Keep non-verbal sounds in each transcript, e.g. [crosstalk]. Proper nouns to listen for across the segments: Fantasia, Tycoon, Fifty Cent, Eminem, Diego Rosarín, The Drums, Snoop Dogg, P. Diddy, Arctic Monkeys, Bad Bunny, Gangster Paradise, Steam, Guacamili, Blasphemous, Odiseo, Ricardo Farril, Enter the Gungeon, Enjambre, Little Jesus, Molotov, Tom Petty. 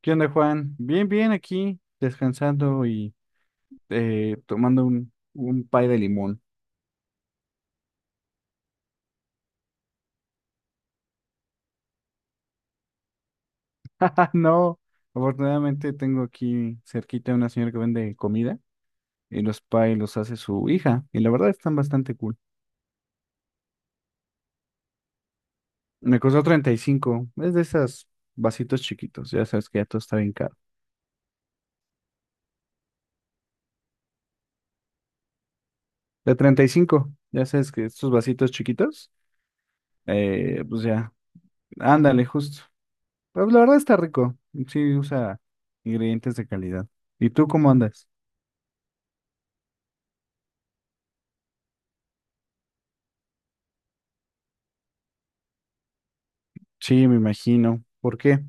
¿Qué onda, Juan? Bien, bien, aquí descansando y tomando un pay de limón. [laughs] Ah, no, afortunadamente tengo aquí cerquita una señora que vende comida y los pay los hace su hija y la verdad están bastante cool. Me costó 35, es de esas vasitos chiquitos, ya sabes que ya todo está bien caro. De 35, ya sabes que estos vasitos chiquitos, pues ya, ándale, justo. Pero la verdad está rico, sí usa ingredientes de calidad. ¿Y tú cómo andas? Sí, me imagino. ¿Por qué?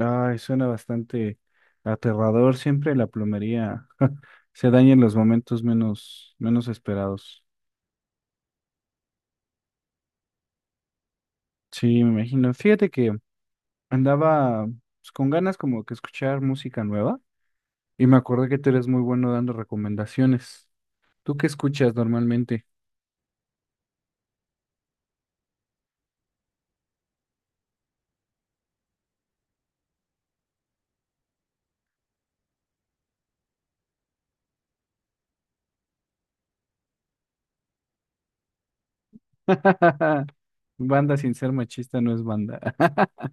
Ay, suena bastante aterrador. Siempre la plomería [laughs] se daña en los momentos menos esperados. Sí, me imagino. Fíjate que andaba pues, con ganas como que escuchar música nueva y me acordé que tú eres muy bueno dando recomendaciones. ¿Tú qué escuchas normalmente? [laughs] Banda sin ser machista no es banda. [laughs]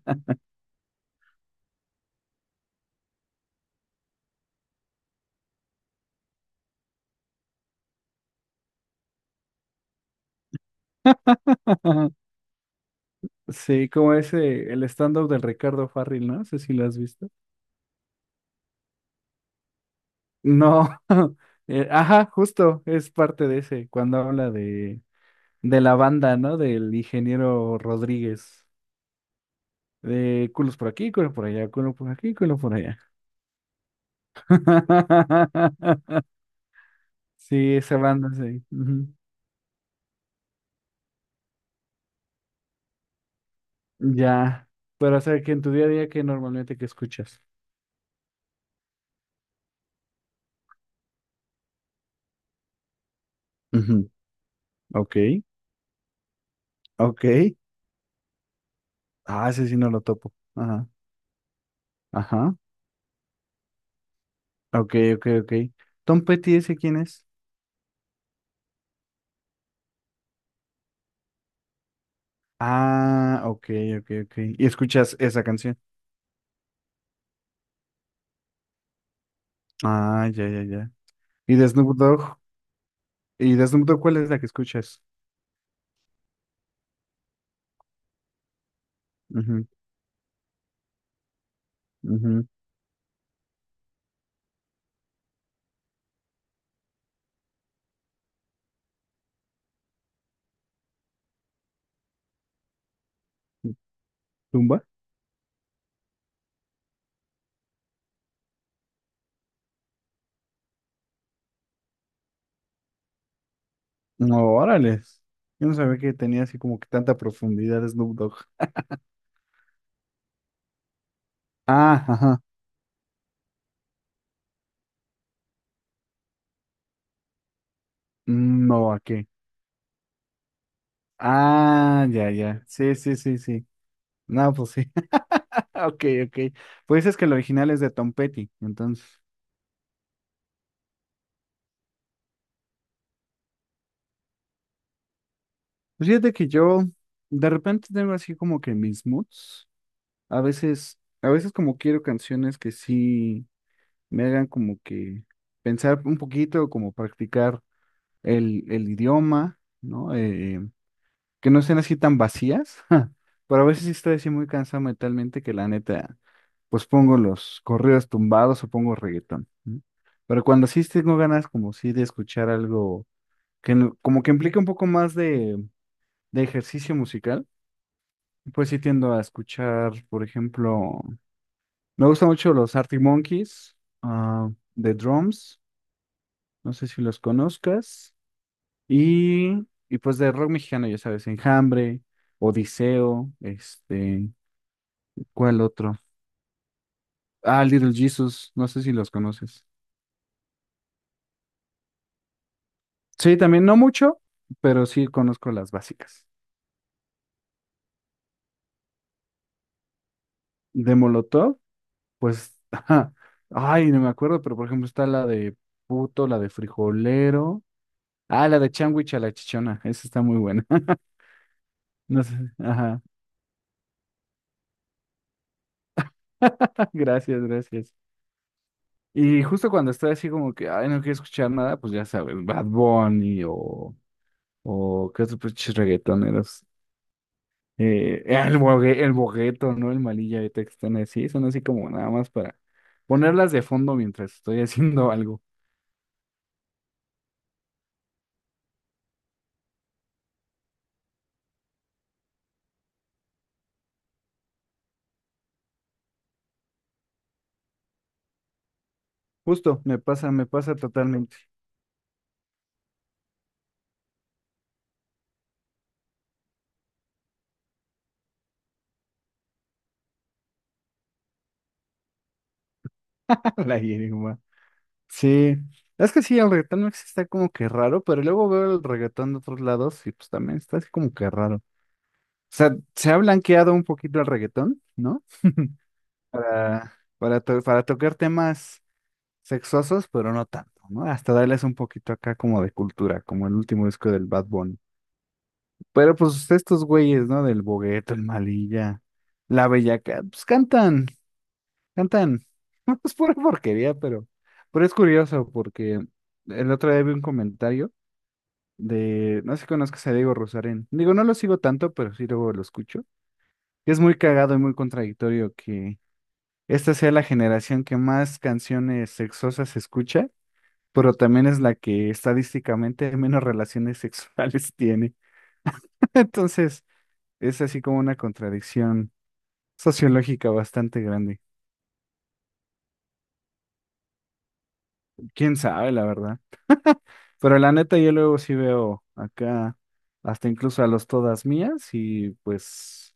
Sí, como ese, el stand-up del Ricardo Farril, ¿no? No sé si lo has visto. No, [laughs] ajá, justo es parte de ese, cuando habla de la banda, ¿no? Del ingeniero Rodríguez, de culos por aquí, culo por allá, culo por aquí, culo por allá. [laughs] Sí, esa banda, sí. Ujú. Ya, pero o sea, que en tu día a día, ¿qué normalmente que escuchas? Ujú. Ok, ok. Ah, ese sí no lo topo. Ajá, ajá. Ok, ok, ok. Tom Petty, ¿ese quién es? Ah, ok, ok, ok. ¿Y escuchas esa canción? Ah, ya, ya, ya. ¿Y de Snoop Dogg? ¿Y de Snoop Dogg cuál es la que escuchas? Ujú, ujú. ¿Tumba? No, órale. Yo no sabía que tenía así como que tanta profundidad Snoop Dogg. Ah, ajá. Mm, no, ¿a qué? Ah, ya, ya. Sí, sí, sí, sí. No, pues sí. [laughs] Ok, ok. Pues es que el original es de Tom Petty. Entonces, pues fíjate que yo de repente tengo así como que mis moods. A veces, como quiero canciones que sí me hagan como que pensar un poquito, como practicar el idioma, ¿no? Que no sean así tan vacías, [laughs] pero a veces sí estoy así muy cansado mentalmente que la neta, pues pongo los corridos tumbados o pongo reggaetón, ¿no? Pero cuando sí tengo ganas como sí de escuchar algo que no- como que implique un poco más de ejercicio musical, pues sí tiendo a escuchar, por ejemplo, me gustan mucho los Arctic Monkeys, ah, The Drums. No sé si los conozcas. Y pues de rock mexicano, ya sabes, Enjambre, Odiseo, este, ¿cuál otro? Ah, Little Jesus, no sé si los conoces. Sí, también no mucho, pero sí conozco las básicas. De Molotov, pues, [laughs] ajá, ay, no me acuerdo, pero por ejemplo está la de Puto, la de Frijolero. Ah, la de Changuich a la Chichona, esa está muy buena. [laughs] No sé, ajá. [laughs] Gracias, gracias. Y justo cuando estoy así como que, ay, no quiero escuchar nada, pues ya sabes, Bad Bunny o qué otros pinches reggaetoneros. El bogueto, ¿no? El malilla de están así, son así como nada más para ponerlas de fondo mientras estoy [laughs] haciendo algo. Justo, me pasa totalmente. [laughs] La hierba. Sí, es que sí, el reggaetón mexicano está como que raro, pero luego veo el reggaetón de otros lados y pues también está así como que raro. O sea, se ha blanqueado un poquito el reggaetón, ¿no? para, para tocar temas sexosos, pero no tanto, ¿no? Hasta darles un poquito acá como de cultura, como el último disco del Bad Bunny. Pero pues estos güeyes, ¿no? Del Bogueto, el Malilla, la Bellaca, pues cantan. [laughs] Es pura porquería, pero es curioso porque el otro día vi un comentario de, no sé si conozcas a Diego Rosarín. Digo, no lo sigo tanto, pero sí luego lo escucho. Que es muy cagado y muy contradictorio que esta sea la generación que más canciones sexosas escucha, pero también es la que estadísticamente [laughs] menos relaciones sexuales [laughs] tiene. [laughs] Entonces, es así como una contradicción sociológica bastante grande. Quién sabe, la verdad. Pero la neta, yo luego sí veo acá hasta incluso a los todas mías y pues,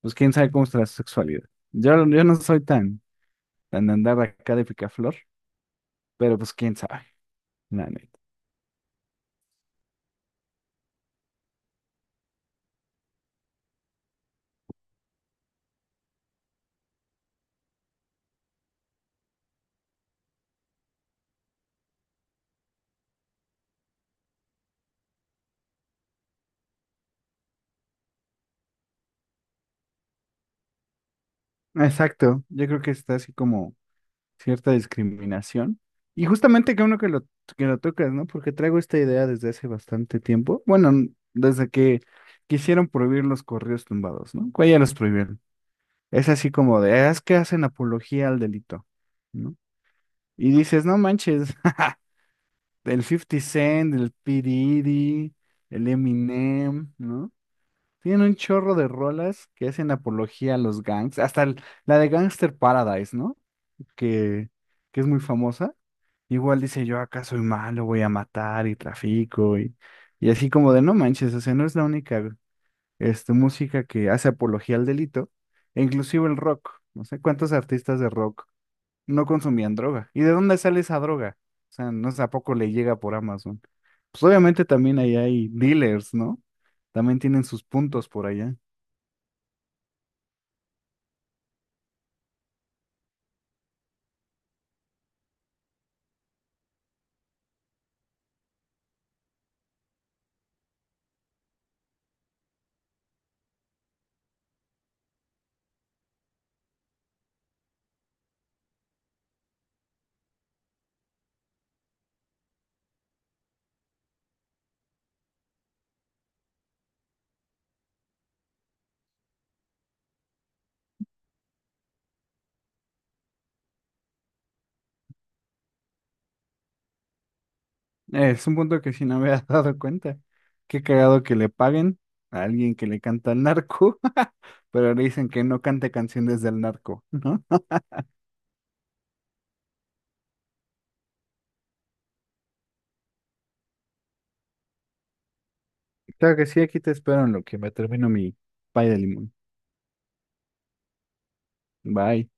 pues quién sabe cómo está la sexualidad. Yo no soy tan de andar acá de picaflor, pero pues quién sabe, la neta. Exacto, yo creo que está así como cierta discriminación. Y justamente que uno que lo tocas, ¿no? Porque traigo esta idea desde hace bastante tiempo. Bueno, desde que quisieron prohibir los correos tumbados, ¿no? Que ya los prohibieron. Es así como de, "Ah, es que hacen apología al delito, ¿no?" Y dices, no manches, [laughs] el Fifty Cent, el P. Diddy, el Eminem, ¿no? Tienen un chorro de rolas que hacen apología a los gangs, hasta la de Gangster Paradise, ¿no? Que, que es muy famosa. Igual dice yo acá soy malo, voy a matar y trafico y así como de no manches, o sea, no es la única este, música que hace apología al delito, e inclusive el rock, no sé cuántos artistas de rock no consumían droga. ¿Y de dónde sale esa droga? O sea, no sé, ¿a poco le llega por Amazon? Pues obviamente también ahí hay dealers, ¿no? También tienen sus puntos por allá. Es un punto que sí no me había [laughs] dado cuenta. Qué cagado que le paguen a alguien que le canta al narco, [laughs] pero le dicen que no cante canciones del narco, ¿no? Claro que sí, aquí te espero en lo que me termino mi pay de limón. Bye.